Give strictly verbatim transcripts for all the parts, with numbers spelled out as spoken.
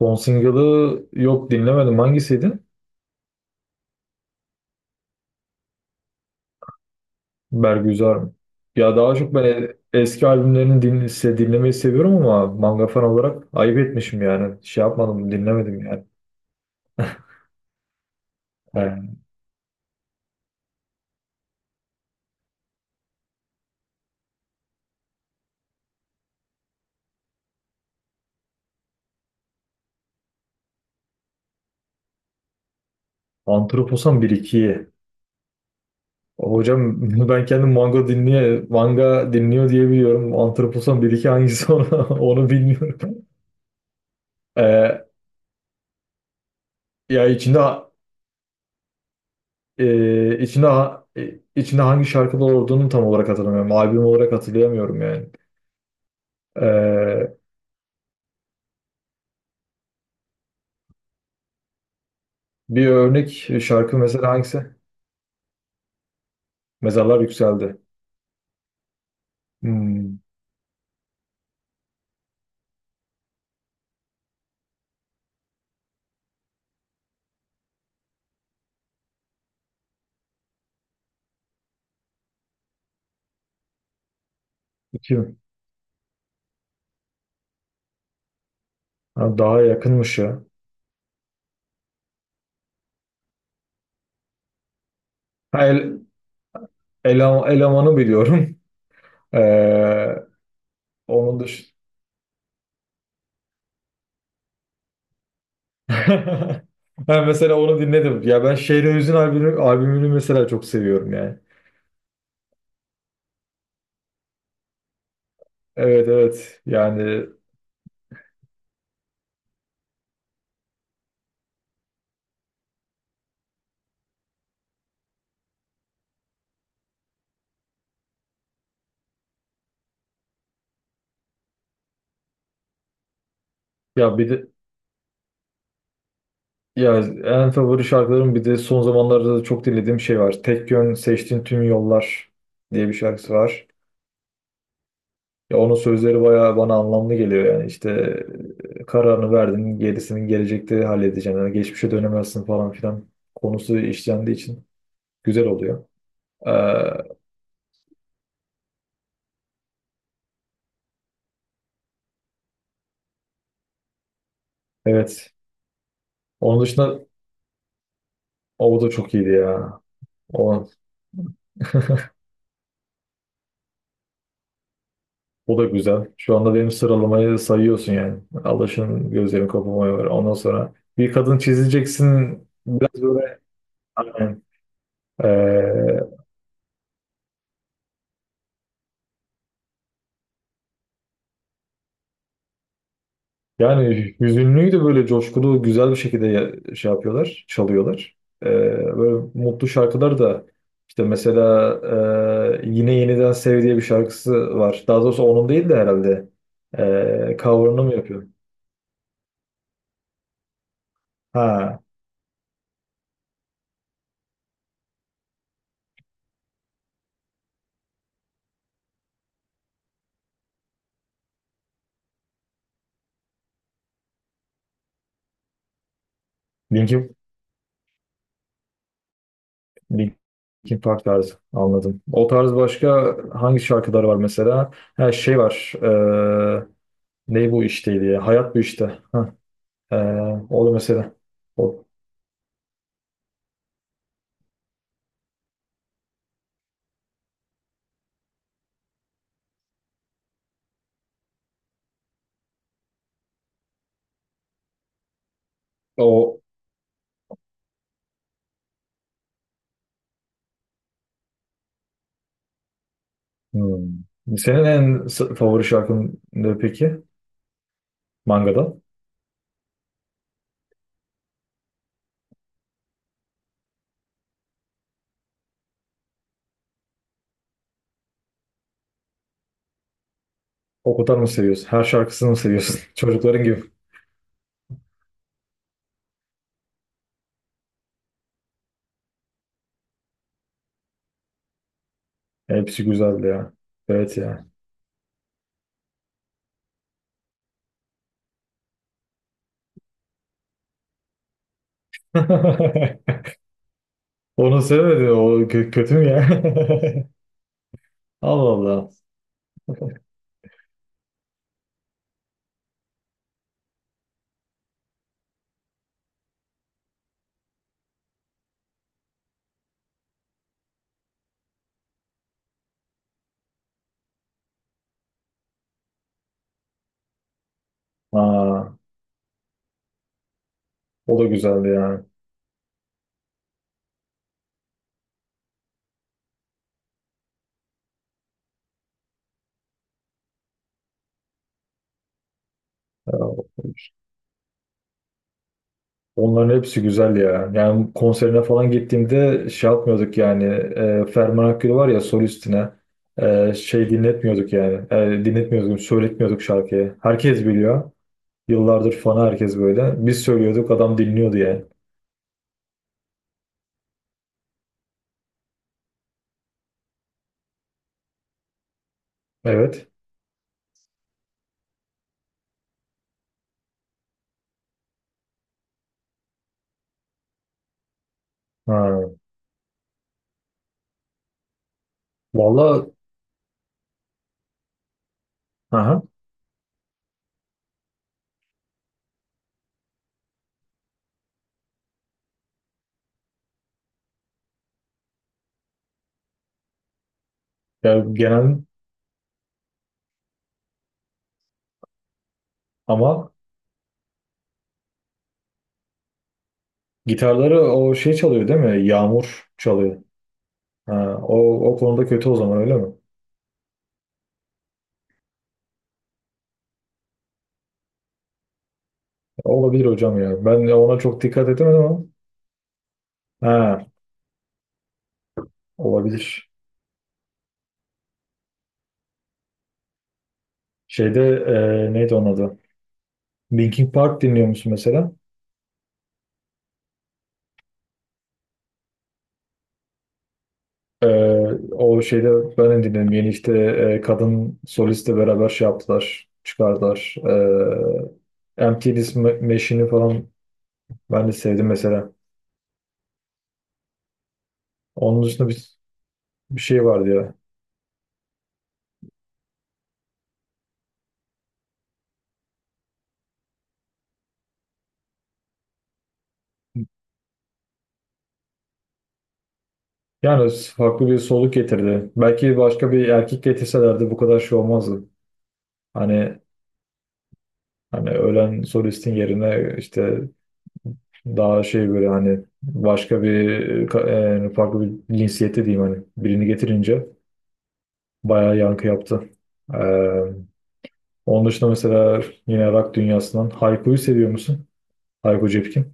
Son single'ı yok dinlemedim. Hangisiydi? Bergüzar mı? Ya daha çok ben e- eski albümlerini din se- dinlemeyi seviyorum ama manga fan olarak ayıp etmişim yani. Şey yapmadım, dinlemedim yani. He. Antroposan bir ikiyi hocam. Ben kendim manga dinliyor, manga dinliyor diye biliyorum. Antroposan bir iki hangisi onu, onu bilmiyorum. E, ya içinde e, içinde e, içinde hangi şarkılar olduğunu tam olarak hatırlamıyorum. Albüm olarak hatırlayamıyorum yani. E, Bir örnek e, şarkı mesela hangisi? Mezarlar yükseldi. Hmm, kim? Ha, daha yakınmış ya. Ha, el, Eleman- elemanı biliyorum. Ee, onun dış. Ha, mesela onu dinledim. Ya ben Şehrin Hüzün albümü, albümünü mesela çok seviyorum yani. Evet, evet. Yani ya bir de ya en favori şarkılarım bir de son zamanlarda da çok dinlediğim şey var. Tek yön seçtiğin tüm yollar diye bir şarkısı var. Ya onun sözleri bayağı bana anlamlı geliyor yani işte e, kararını verdin gerisini gelecekte halledeceksin. Yani geçmişe dönemezsin falan filan konusu işlendiği için güzel oluyor. Ee, evet. Onun dışında o da çok iyiydi ya. O. O da güzel. Şu anda benim sıralamayı sayıyorsun yani. Alışın gözlerimi kapamaya var. Ondan sonra bir kadın çizeceksin biraz böyle aynen. Ee, yani hüzünlüyü de böyle coşkulu güzel bir şekilde ya- şey yapıyorlar, çalıyorlar. Ee, böyle mutlu şarkılar da işte mesela e, Yine Yeniden Sev diye bir şarkısı var. Daha doğrusu onun değil de herhalde. Ee, cover'ını mı yapıyor? Ha. Linkin Linkin Park tarzı anladım. O tarz başka hangi şarkıları var mesela? Her şey var. Ee, ne bu işteydi ya? Hayat bu işte. Hah, ee, o da mesela. O, o hmm. Senin en s- favori şarkın ne peki? Manga'da. O kadar mı seviyorsun? Her şarkısını mı seviyorsun? Çocukların gibi. Hepsi güzeldi ya. Evet ya. Onu sevmedi. O kö- kötü mü ya? Allah Allah. Aa, o da güzeldi yani. Ya, onların hepsi güzel ya. Yani konserine falan gittiğimde şey yapmıyorduk yani. E, Ferman Akgül var ya solistine. E, şey dinletmiyorduk yani. E, dinletmiyorduk, söyletmiyorduk şarkıyı. Herkes biliyor. Yıllardır fanı herkes böyle. Biz söylüyorduk, adam dinliyordu yani. Evet. Ha. Valla. Aha. Ya genel ama gitarları o şey çalıyor değil mi? Yağmur çalıyor. Ha, o, o konuda kötü o zaman öyle mi? Olabilir hocam ya. Ben de ona çok dikkat edemedim ama. Ha, olabilir. Şeyde e, neydi onun adı? Linkin Park dinliyor musun mesela? E, o şeyde ben de dinledim. Yeni işte e, kadın solistle beraber şey yaptılar. Çıkardılar. E, Empty List Ma- Machine'i falan ben de sevdim mesela. Onun dışında bir, bir şey vardı ya. Yani farklı bir soluk getirdi. Belki başka bir erkek getirselerdi bu kadar şey olmazdı. Hani hani ölen solistin yerine işte daha şey böyle hani başka bir e, yani farklı bir cinsiyette diyeyim hani birini getirince bayağı yankı yaptı. Ee, onun dışında mesela yine rock dünyasından Hayko'yu seviyor musun? Hayko Cepkin.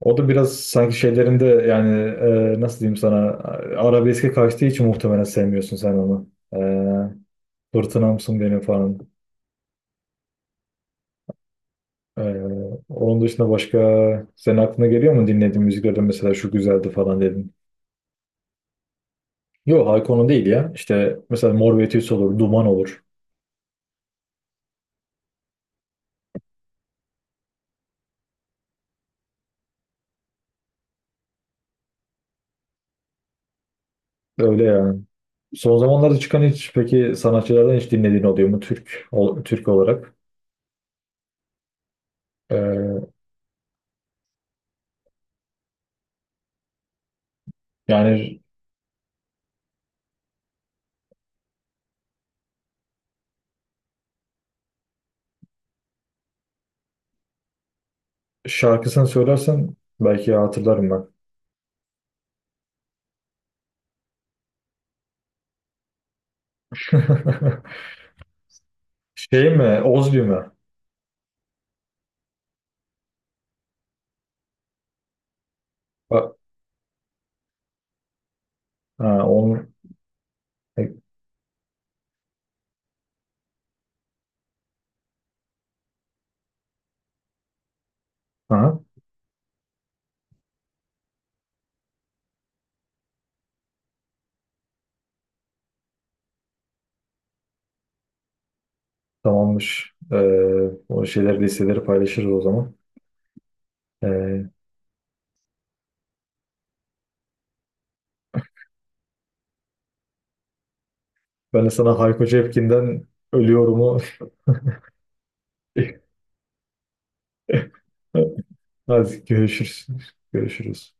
O da biraz sanki şeylerinde yani e, nasıl diyeyim sana arabeske kaçtığı için muhtemelen sevmiyorsun sen onu. Fırtınamsın benim falan. Ee, onun dışında başka senin aklına geliyor mu dinlediğin müziklerden mesela şu güzeldi falan dedin. Yok Hayko'nun değil ya. İşte mesela Mor ve Ötesi olur, Duman olur. Öyle yani. Son zamanlarda çıkan hiç peki sanatçılardan hiç dinlediğin oluyor mu Türk ol- Türk olarak? Ee, yani şarkısını söylersen belki hatırlarım ben. Şey mi? Ozbi mi? Ha, ha, onun, ha, tamammış. Ee, o şeyler listeleri paylaşırız o zaman. Ee, ben de sana Hayko Cepkin'den ölüyorumu hadi görüşürüz. Görüşürüz.